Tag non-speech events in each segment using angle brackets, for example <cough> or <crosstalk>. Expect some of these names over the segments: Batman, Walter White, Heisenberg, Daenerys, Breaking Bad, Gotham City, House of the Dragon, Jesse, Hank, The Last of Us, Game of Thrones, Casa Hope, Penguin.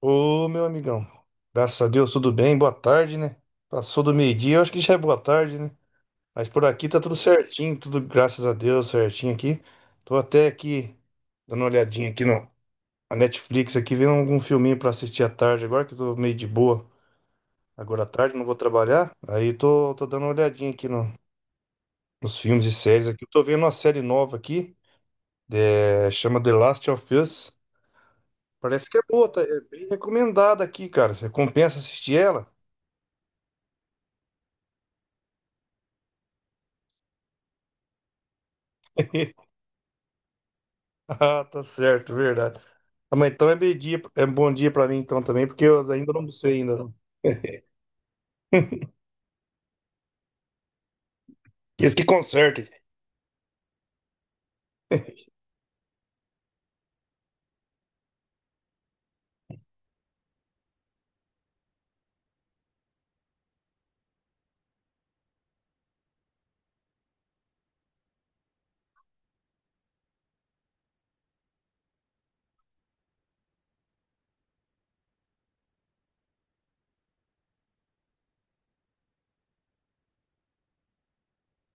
Ô, meu amigão. Graças a Deus, tudo bem? Boa tarde, né? Passou do meio-dia, eu acho que já é boa tarde, né? Mas por aqui tá tudo certinho, tudo graças a Deus certinho aqui. Tô até aqui dando uma olhadinha aqui no, na Netflix aqui, vendo algum filminho pra assistir à tarde agora, que eu tô meio de boa agora à tarde, não vou trabalhar. Aí tô dando uma olhadinha aqui nos filmes e séries aqui. Eu tô vendo uma série nova aqui, chama The Last of Us. Parece que é boa, tá? É bem recomendada aqui, cara. Você compensa assistir ela? <laughs> Ah, tá certo, verdade. Ah, mas então é meio dia, é bom dia pra mim então também, porque eu ainda não sei ainda. Não. Esse que conserte.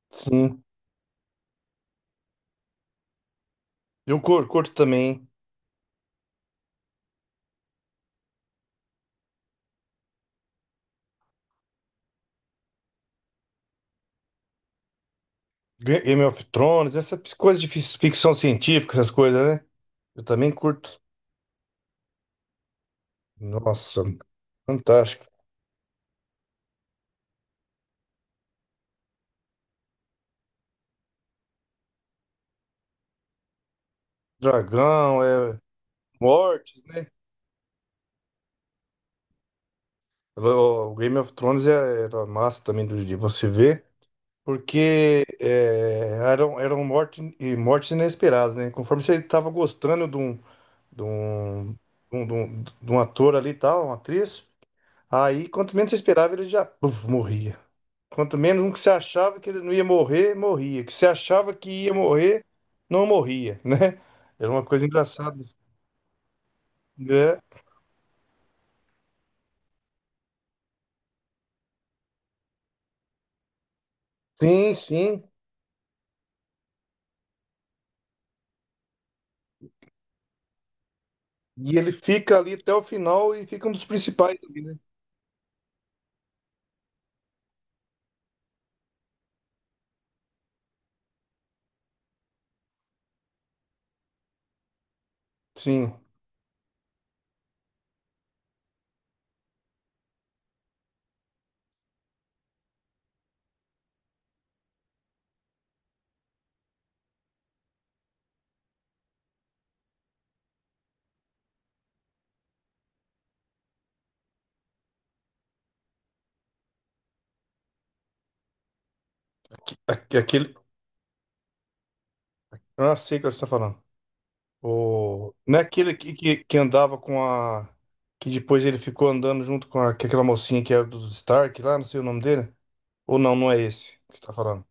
Sim. Eu curto também. Game of Thrones, essa coisa de ficção científica, essas coisas, né? Eu também curto. Nossa, fantástico. Dragão, mortes, né? O Game of Thrones era massa também de você ver, porque eram morte, e mortes inesperadas, né? Conforme você estava gostando de um de um, de um, de um- de um ator ali e tal, uma atriz. Aí, quanto menos você esperava, ele já puf, morria. Quanto menos um que você achava que ele não ia morrer, morria. Que você achava que ia morrer, não morria, <laughs> né? Era uma coisa engraçada, né? Sim, sim. E ele fica ali até o final e fica um dos principais ali, né? Sim. Aquele. Ah, sei o que você está falando. Não é aquele que andava com a. Que depois ele ficou andando junto com aquela mocinha que era do Stark lá, não sei o nome dele. Ou não, não é esse que você tá falando.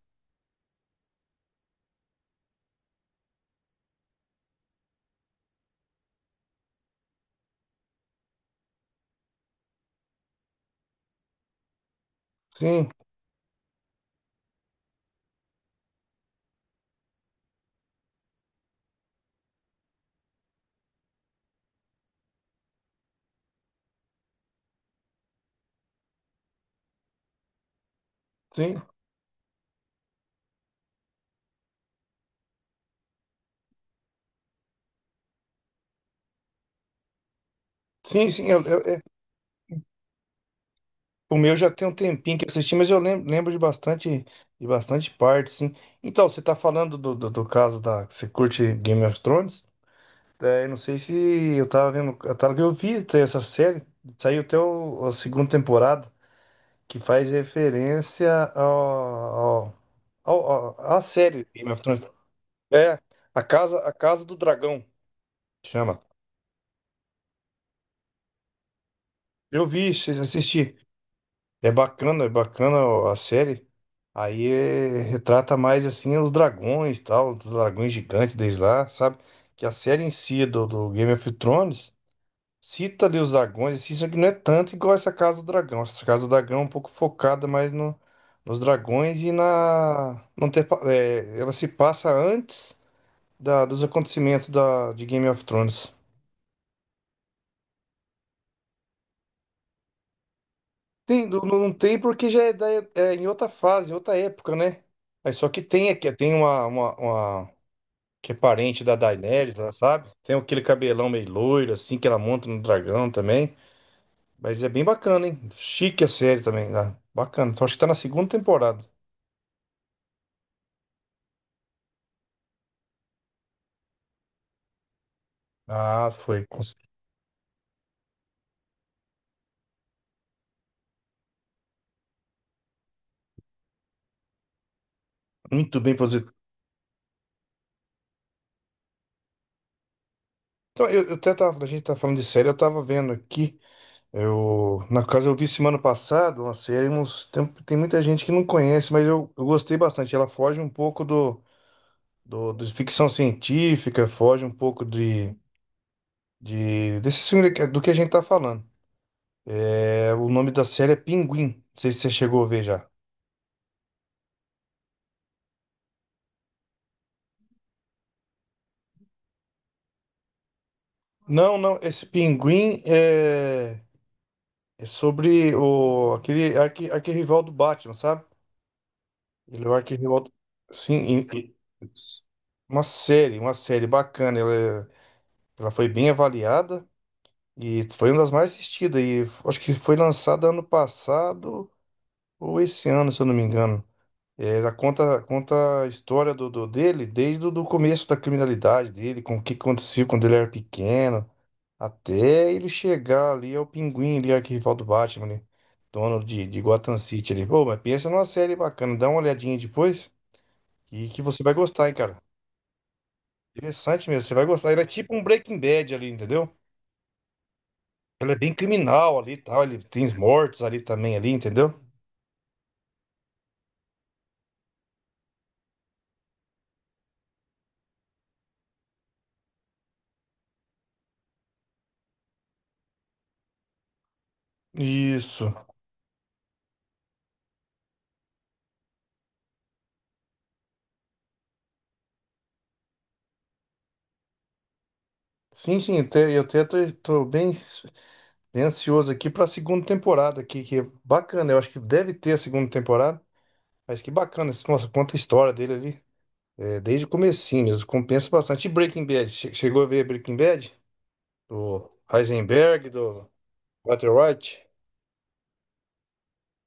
Sim, sim, sim, sim. O meu já tem um tempinho que eu assisti, mas eu lembro de bastante parte, sim. Então, você tá falando do caso da. Você curte Game of Thrones? Eu não sei se eu tava vendo. eu vi até essa série, saiu até a segunda temporada. Que faz referência ao- à série Game of Thrones. É, a casa do Dragão, chama. Eu vi, assisti. É bacana a série. Aí retrata mais assim os dragões, e tal, os dragões gigantes desde lá, sabe? Que a série em si do Game of Thrones cita ali os dragões, assim, isso aqui não é tanto igual essa Casa do Dragão. Essa Casa do Dragão é um pouco focada mais nos dragões e na. Não ter, pa- é, ela se passa antes dos acontecimentos de Game of Thrones. Tem, não, não tem porque já é em outra fase, em outra época, né? Mas só que tem uma que é parente da Daenerys, lá, sabe? Tem aquele cabelão meio loiro, assim, que ela monta no dragão também. Mas é bem bacana, hein? Chique a série também, né? Bacana. Então, acho que tá na segunda temporada. Ah, muito bem produzido. Então, eu até tava, a gente tá falando de série, eu tava vendo aqui, na casa eu vi semana passada uma série, tem muita gente que não conhece, mas eu gostei bastante. Ela foge um pouco de ficção científica, foge um pouco de desse filme do que a gente tá falando. O nome da série é Pinguim, não sei se você chegou a ver já. Não, não, esse Pinguim é sobre aquele arquirrival do Batman, sabe? Ele é o arquirrival. Sim, e- uma série bacana. Ela foi bem avaliada e foi uma das mais assistidas. E acho que foi lançada ano passado ou esse ano, se eu não me engano. Ela conta a história do dele desde o do começo da criminalidade dele, com o que aconteceu quando ele era pequeno, até ele chegar ali ao Pinguim, ali, arquirrival do Batman, né? Dono de Gotham City ali. Pô, mas pensa numa série bacana, dá uma olhadinha depois. E que você vai gostar, hein, cara. Interessante mesmo, você vai gostar. Ele é tipo um Breaking Bad ali, entendeu? Ele é bem criminal ali e tal. Ele tem os mortos ali também, ali, entendeu? Isso. Sim, sim, eu até tô bem, bem ansioso aqui pra segunda temporada aqui, que é bacana. Eu acho que deve ter a segunda temporada. Mas que bacana, nossa, conta a história dele ali. É, desde o comecinho mesmo, compensa bastante. E Breaking Bad, chegou a ver Breaking Bad? Do Heisenberg, do Walter White?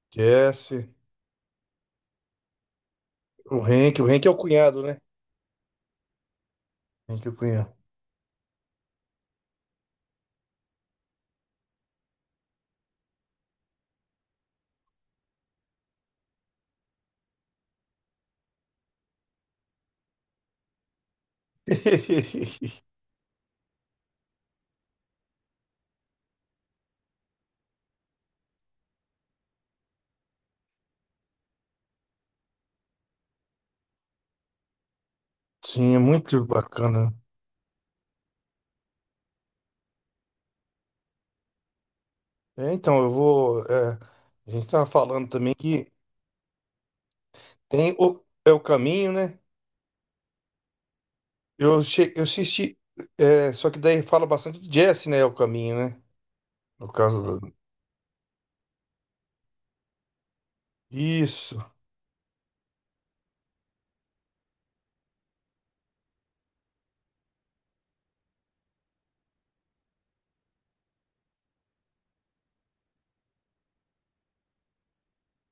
Jesse, o Hank é o cunhado, né? Henrique Cunha. <laughs> Sim, é muito bacana. Então, eu vou. A gente estava falando também que tem o, é o caminho, né? Eu assisti. Só que daí fala bastante de Jesse, né? É o caminho, né? No caso do. Isso.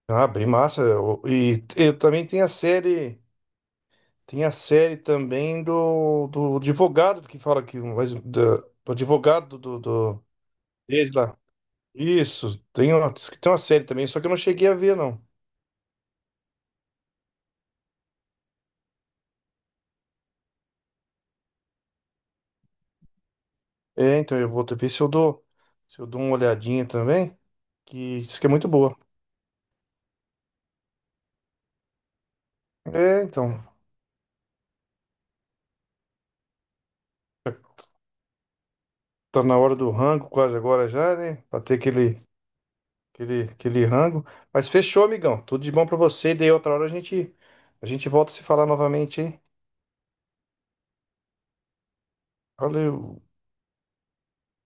Ah, bem massa. E também tem a série. Tem a série também do advogado que fala que. Do advogado do. Desde lá. Isso. Tem uma, diz que tem uma série também, só que eu não cheguei a ver, não. É, então eu vou ver se eu dou, uma olhadinha também, que diz que é muito boa. É, então, tá na hora do rango quase agora já, né? Pra ter aquele rango. Mas fechou, amigão. Tudo de bom pra você. Daí outra hora a gente volta a se falar novamente, hein? Valeu.